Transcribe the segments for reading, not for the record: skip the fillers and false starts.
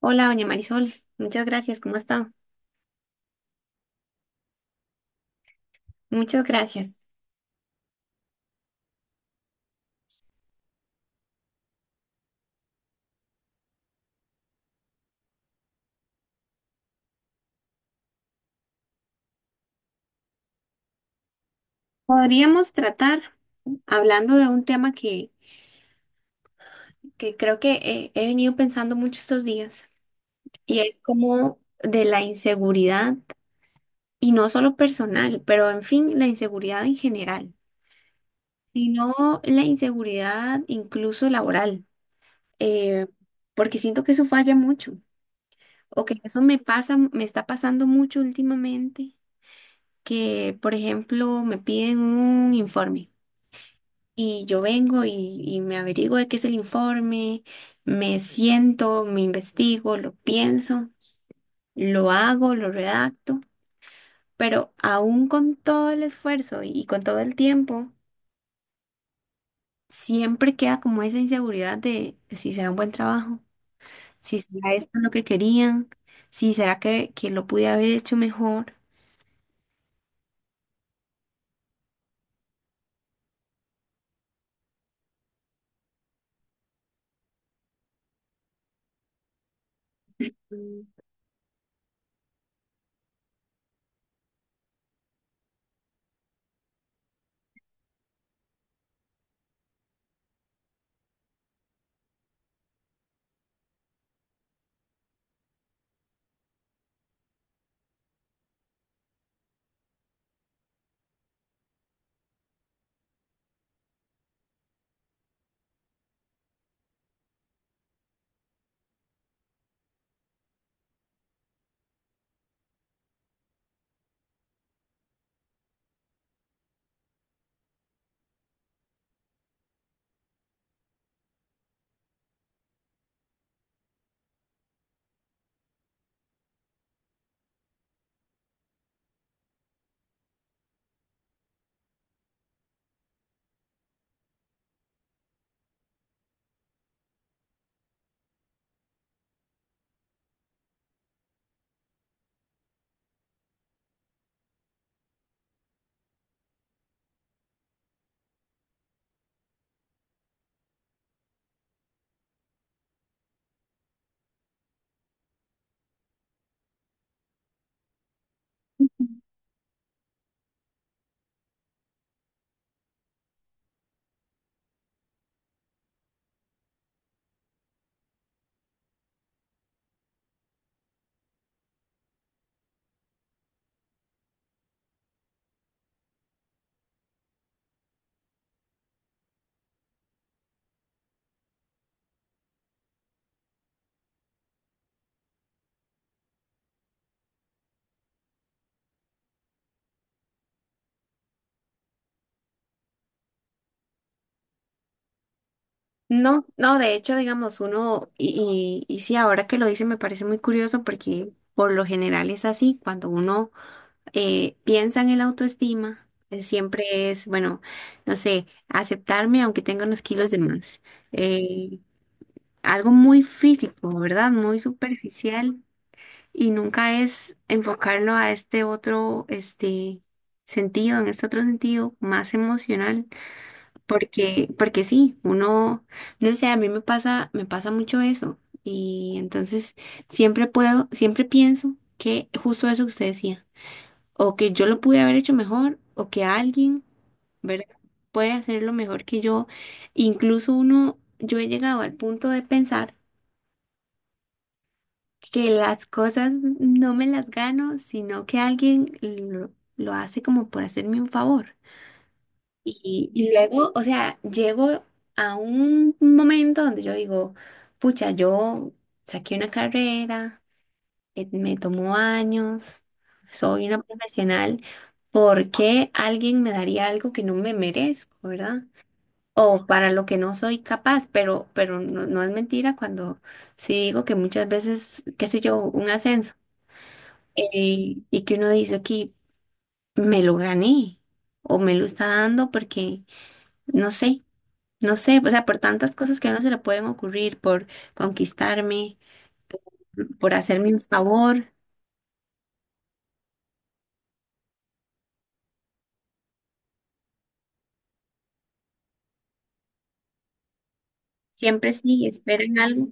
Hola, doña Marisol. Muchas gracias. ¿Cómo está? Muchas gracias. Podríamos tratar hablando de un tema que creo que he venido pensando mucho estos días, y es como de la inseguridad, y no solo personal, pero en fin, la inseguridad en general, sino la inseguridad incluso laboral, eh, porque siento que eso falla mucho o que eso me pasa, me está pasando mucho últimamente, que por ejemplo me piden un informe. Y yo vengo y me averiguo de qué es el informe, me siento, me investigo, lo pienso, lo hago, lo redacto, pero aún con todo el esfuerzo y con todo el tiempo, siempre queda como esa inseguridad de si será un buen trabajo, si será esto lo que querían, si será que lo pude haber hecho mejor. No, no, de hecho, digamos, uno, y sí, ahora que lo dice me parece muy curioso porque por lo general es así. Cuando uno piensan en la autoestima, siempre es, bueno, no sé, aceptarme aunque tenga unos kilos de más. Eh, Algo muy físico, ¿verdad? Muy superficial, y nunca es enfocarlo a este otro, este sentido, en este otro sentido más emocional, porque, porque sí, uno, no sé, a mí me pasa mucho eso, y entonces siempre puedo, siempre pienso que justo eso que usted decía, o que yo lo pude haber hecho mejor, o que alguien, ¿verdad? Puede hacerlo mejor que yo. Incluso uno, yo he llegado al punto de pensar que las cosas no me las gano, sino que alguien lo hace como por hacerme un favor. Y y luego, o sea, llego a un momento donde yo digo, pucha, yo saqué una carrera. Me tomó años, soy una profesional. ¿Por qué alguien me daría algo que no me merezco, verdad? O para lo que no soy capaz, pero no, no es mentira cuando sí digo que muchas veces, qué sé yo, un ascenso, y que uno dice aquí, me lo gané o me lo está dando porque no sé, no sé, o sea, por tantas cosas que a uno se le pueden ocurrir, por conquistarme, por hacerme un favor, siempre sí esperan algo.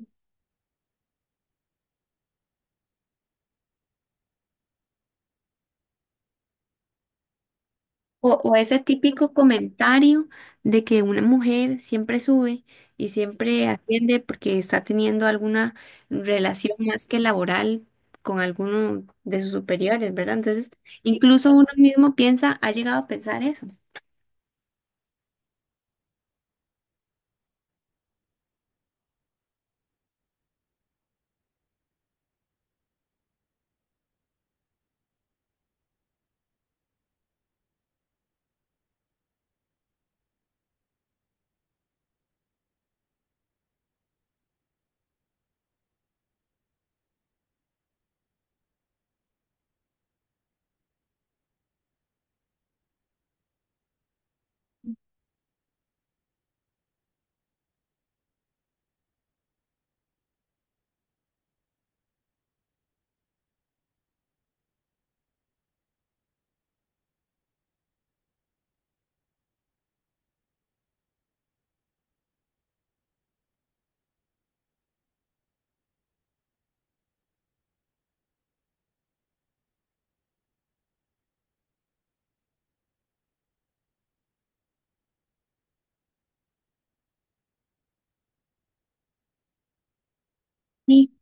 O ese típico comentario de que una mujer siempre sube y siempre atiende porque está teniendo alguna relación más que laboral con alguno de sus superiores, ¿verdad? Entonces, incluso uno mismo piensa, ha llegado a pensar eso. Sí.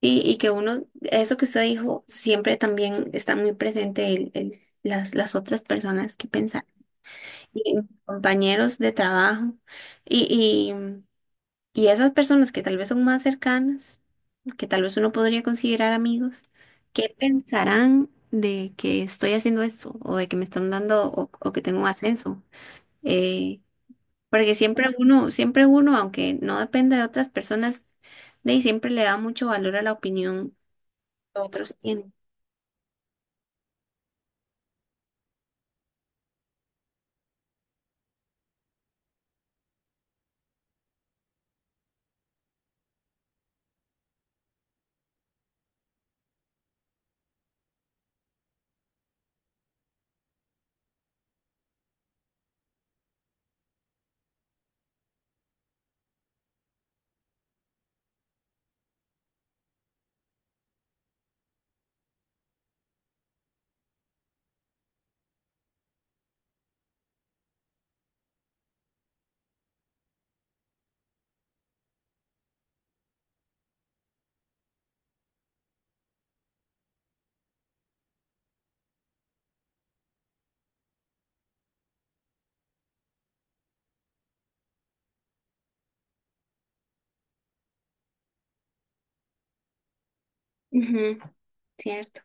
Y que uno, eso que usted dijo, siempre también está muy presente el- las otras personas que piensan, y compañeros de trabajo. Y y esas personas que tal vez son más cercanas, que tal vez uno podría considerar amigos, ¿qué pensarán de que estoy haciendo esto o de que me están dando o que tengo un ascenso? Eh, Porque siempre uno, aunque no depende de otras personas, de ahí siempre le da mucho valor a la opinión que otros tienen. Ujú, cierto.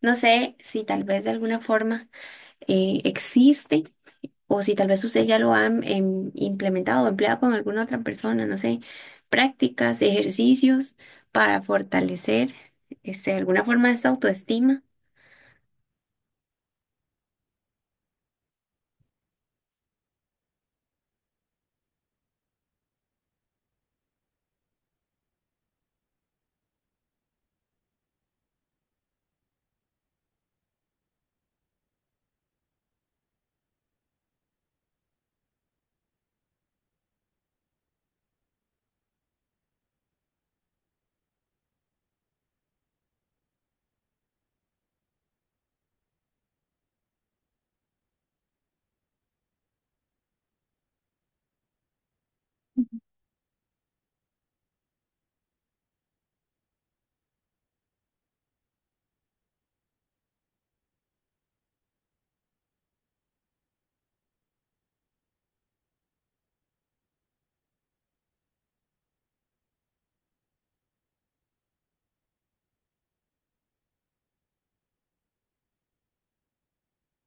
No sé si tal vez de alguna forma existe. O si tal vez usted ya lo ha implementado o empleado con alguna otra persona, no sé, prácticas, ejercicios para fortalecer este, alguna forma de esta autoestima,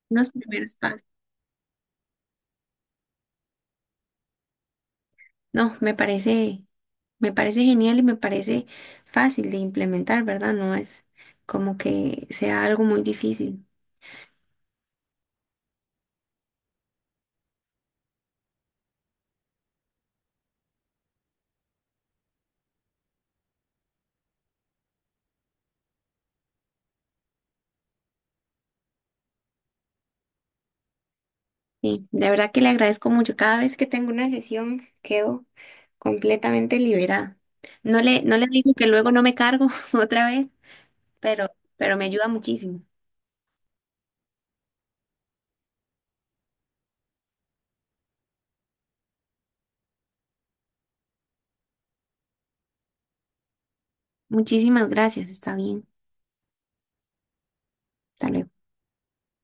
unos primeros pasos. No, me parece genial y me parece fácil de implementar, ¿verdad? No es como que sea algo muy difícil. Sí, de verdad que le agradezco mucho. Cada vez que tengo una sesión quedo completamente liberada. No le, no le digo que luego no me cargo otra vez. pero, pero me ayuda muchísimo. Muchísimas gracias, está bien. Hasta luego.